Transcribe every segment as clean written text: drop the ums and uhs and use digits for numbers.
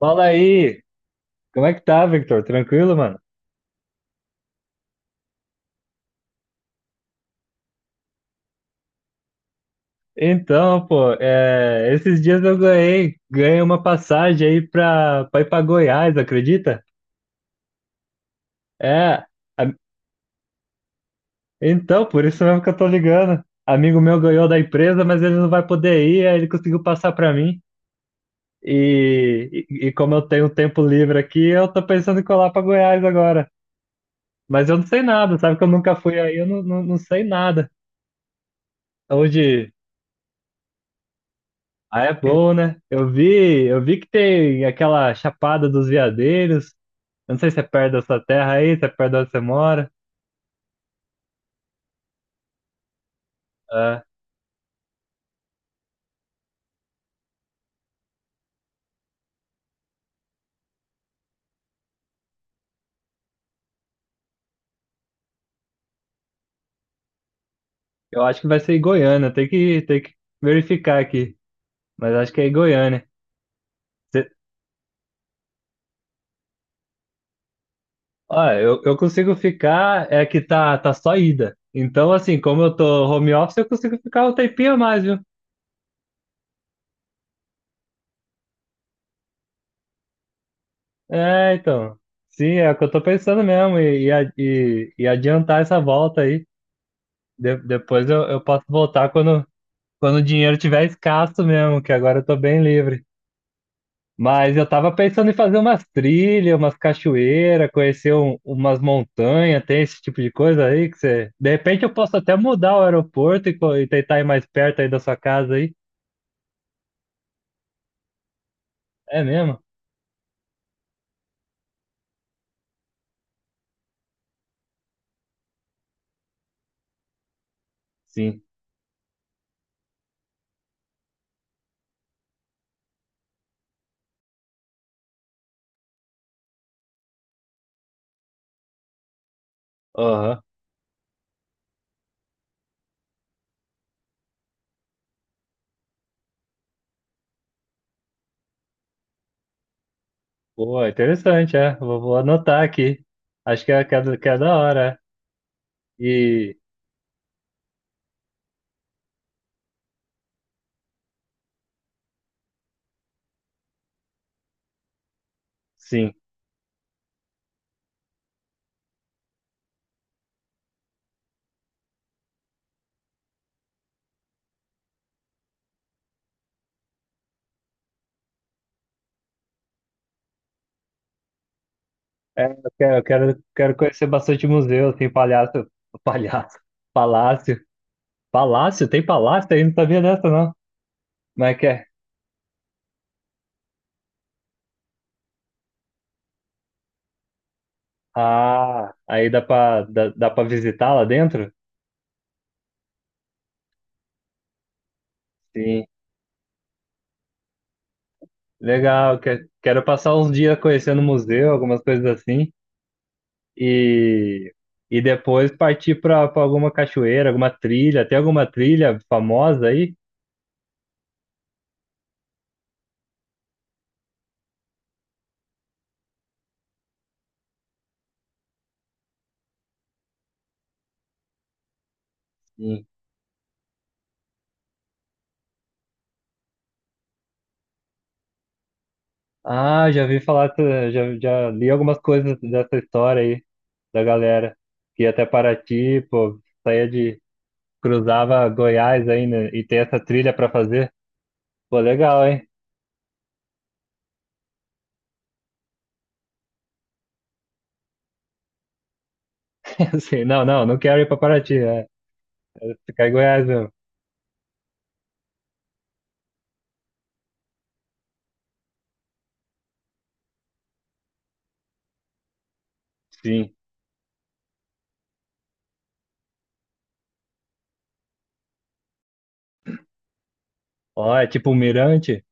Fala aí, como é que tá, Victor? Tranquilo, mano? Então, pô, é, esses dias eu ganhei, uma passagem aí pra ir pra Goiás, acredita? É, a- então, por isso mesmo que eu tô ligando. Amigo meu ganhou da empresa, mas ele não vai poder ir, aí ele conseguiu passar pra mim. E como eu tenho tempo livre aqui, eu tô pensando em colar pra Goiás agora. Mas eu não sei nada, sabe que eu nunca fui aí, eu não sei nada. Onde, ah, é bom, né? Eu vi que tem aquela Chapada dos Veadeiros. Eu não sei se é perto da sua terra aí, se é perto de onde você mora. É, eu acho que vai ser em Goiânia, tem que verificar aqui. Mas acho que é em Goiânia. Você, ó, eu consigo ficar, é que tá só ida. Então, assim, como eu tô home office, eu consigo ficar um tempinho a mais, viu? É, então. Sim, é o que eu tô pensando mesmo, e adiantar essa volta aí. Depois eu posso voltar quando. Quando o dinheiro tiver escasso mesmo, que agora eu tô bem livre. Mas eu tava pensando em fazer umas trilhas, umas cachoeiras, conhecer umas montanhas, tem esse tipo de coisa aí que você. De repente eu posso até mudar o aeroporto e, e tentar ir mais perto aí da sua casa aí. É mesmo? Sim. Aham. Pô, é interessante, é. Vou, vou anotar aqui. Acho que é, que é da hora. É. E sim. É, quero conhecer bastante museu, assim, palhaço, palhaço, palácio. Palácio? Tem palácio? Aí não sabia dessa, não. Como é que é? Ah, aí dá pra visitar lá dentro? Sim. Legal. Quero passar uns dias conhecendo o museu, algumas coisas assim. E, e depois partir pra alguma cachoeira, alguma trilha. Tem alguma trilha famosa aí? Sim. Ah, já vi falar, já li algumas coisas dessa história aí, da galera. Que ia até Paraty, pô, saía de. Cruzava Goiás aí, né? E tem essa trilha pra fazer. Pô, legal, hein? Assim, não quero ir pra Paraty, é. Vou ficar em Goiás mesmo. Sim. Ó, é tipo um mirante?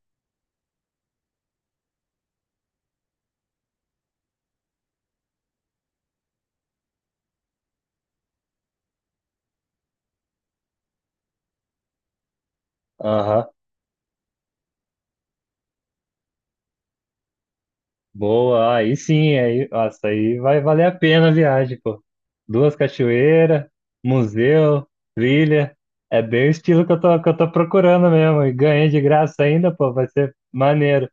Aham. Boa, aí sim, aí, nossa, aí vai valer a pena a viagem, pô. Duas cachoeiras, museu, trilha. É bem o estilo que eu tô procurando mesmo. E ganhei de graça ainda, pô, vai ser maneiro.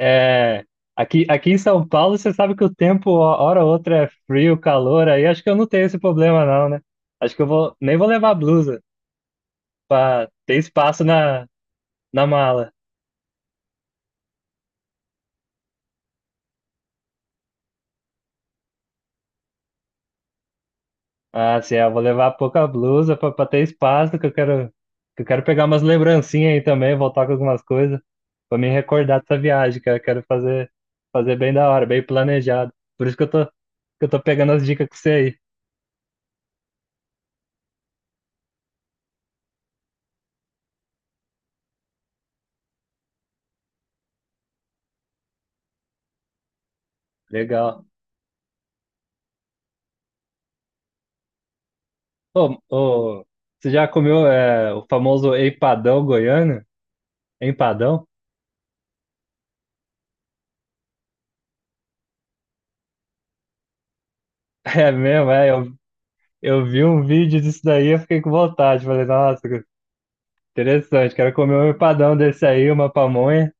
É, aqui em São Paulo, você sabe que o tempo, ó, hora ou outra, é frio, calor, aí acho que eu não tenho esse problema, não, né? Acho que eu vou, nem vou levar blusa pra ter espaço na mala. Ah, assim, eu vou levar pouca blusa pra ter espaço, que eu quero pegar umas lembrancinhas aí também, voltar com algumas coisas, pra me recordar dessa viagem, que eu quero fazer, fazer bem da hora, bem planejado. Por isso que eu tô pegando as dicas com você aí. Legal. Ô, ô, você já comeu é, o famoso empadão goiano? Empadão? É mesmo, é, eu vi um vídeo disso daí, eu fiquei com vontade, falei, nossa, interessante, quero comer um empadão desse aí, uma pamonha.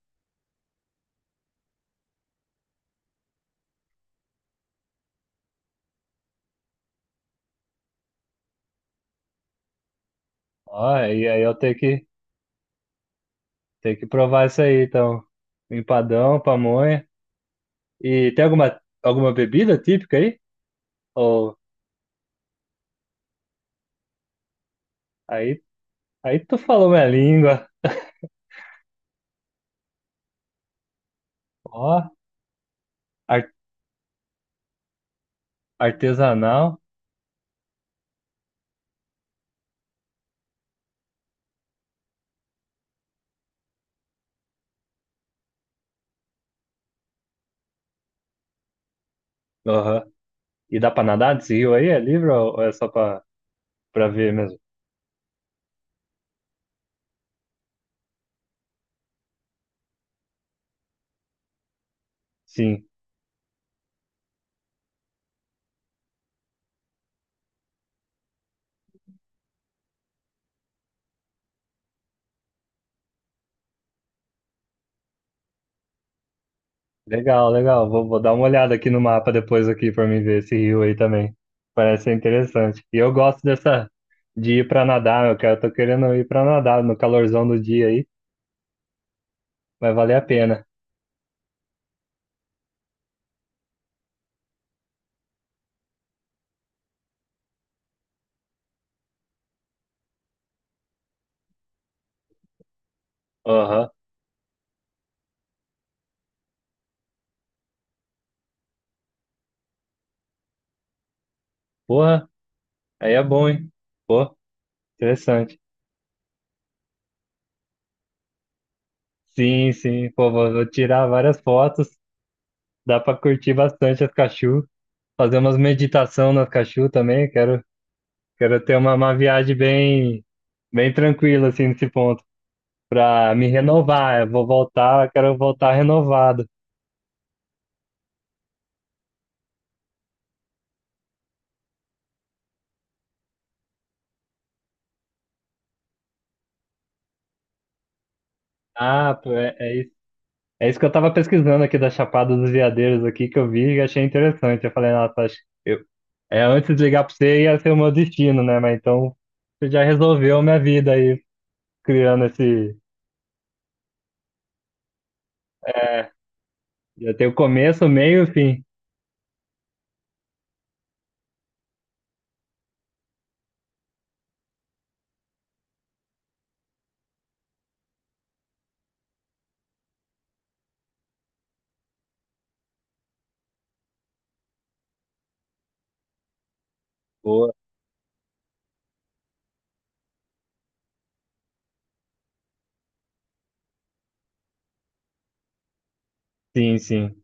Ó, e aí tenho que provar isso aí, então. Empadão, pamonha. E tem alguma bebida típica aí? Ou aí, aí tu falou minha língua. Ó, ar- artesanal. Aham. E dá pra nadar desse rio aí? É livre ou é só pra, pra ver mesmo? Sim. Legal, legal. Vou, vou dar uma olhada aqui no mapa depois aqui para mim ver esse rio aí também. Parece ser interessante. E eu gosto dessa de ir para nadar, eu quero, tô querendo ir para nadar no calorzão do dia aí, vai valer a pena. Aham. Porra, aí é bom, hein? Pô, interessante. Sim, sim. Pô, vou, vou tirar várias fotos. Dá para curtir bastante as cachorro, fazer umas meditação nas cachorro também. Quero ter uma viagem bem, bem tranquila assim nesse ponto, para me renovar. Eu vou voltar, quero voltar renovado. Ah, pô, é, é isso. É isso que eu tava pesquisando aqui da Chapada dos Veadeiros aqui, que eu vi e achei interessante. Eu falei, nossa, acho que eu... é, antes de ligar pra você ia ser o meu destino, né? Mas então você já resolveu minha vida aí, criando esse. É, já tem o começo, o meio e o fim. Boa. Sim, sim.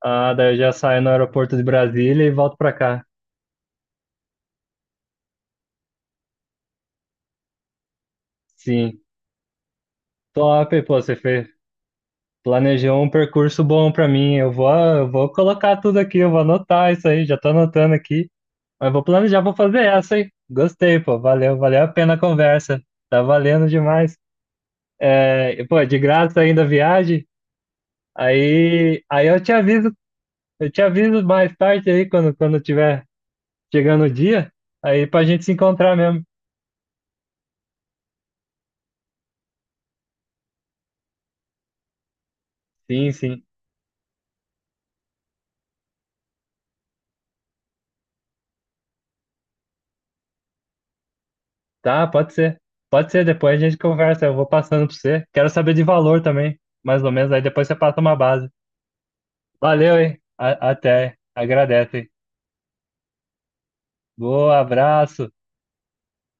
Ah, daí eu já saio no aeroporto de Brasília e volto pra cá. Sim. Top, pô, você fez, planejou um percurso bom pra mim. Eu vou colocar tudo aqui, eu vou anotar isso aí, já tô anotando aqui. Mas vou planejar, vou fazer essa, hein? Gostei, pô. Valeu, valeu a pena a conversa. Tá valendo demais. É, pô, de graça ainda a viagem. Aí eu te eu te aviso mais tarde aí quando tiver chegando o dia, aí pra gente se encontrar mesmo. Sim, sim. Tá, pode ser. Pode ser, depois a gente conversa, eu vou passando pra você. Quero saber de valor também, mais ou menos, aí depois você passa uma base. Valeu, hein? Até. Agradece. Boa, abraço.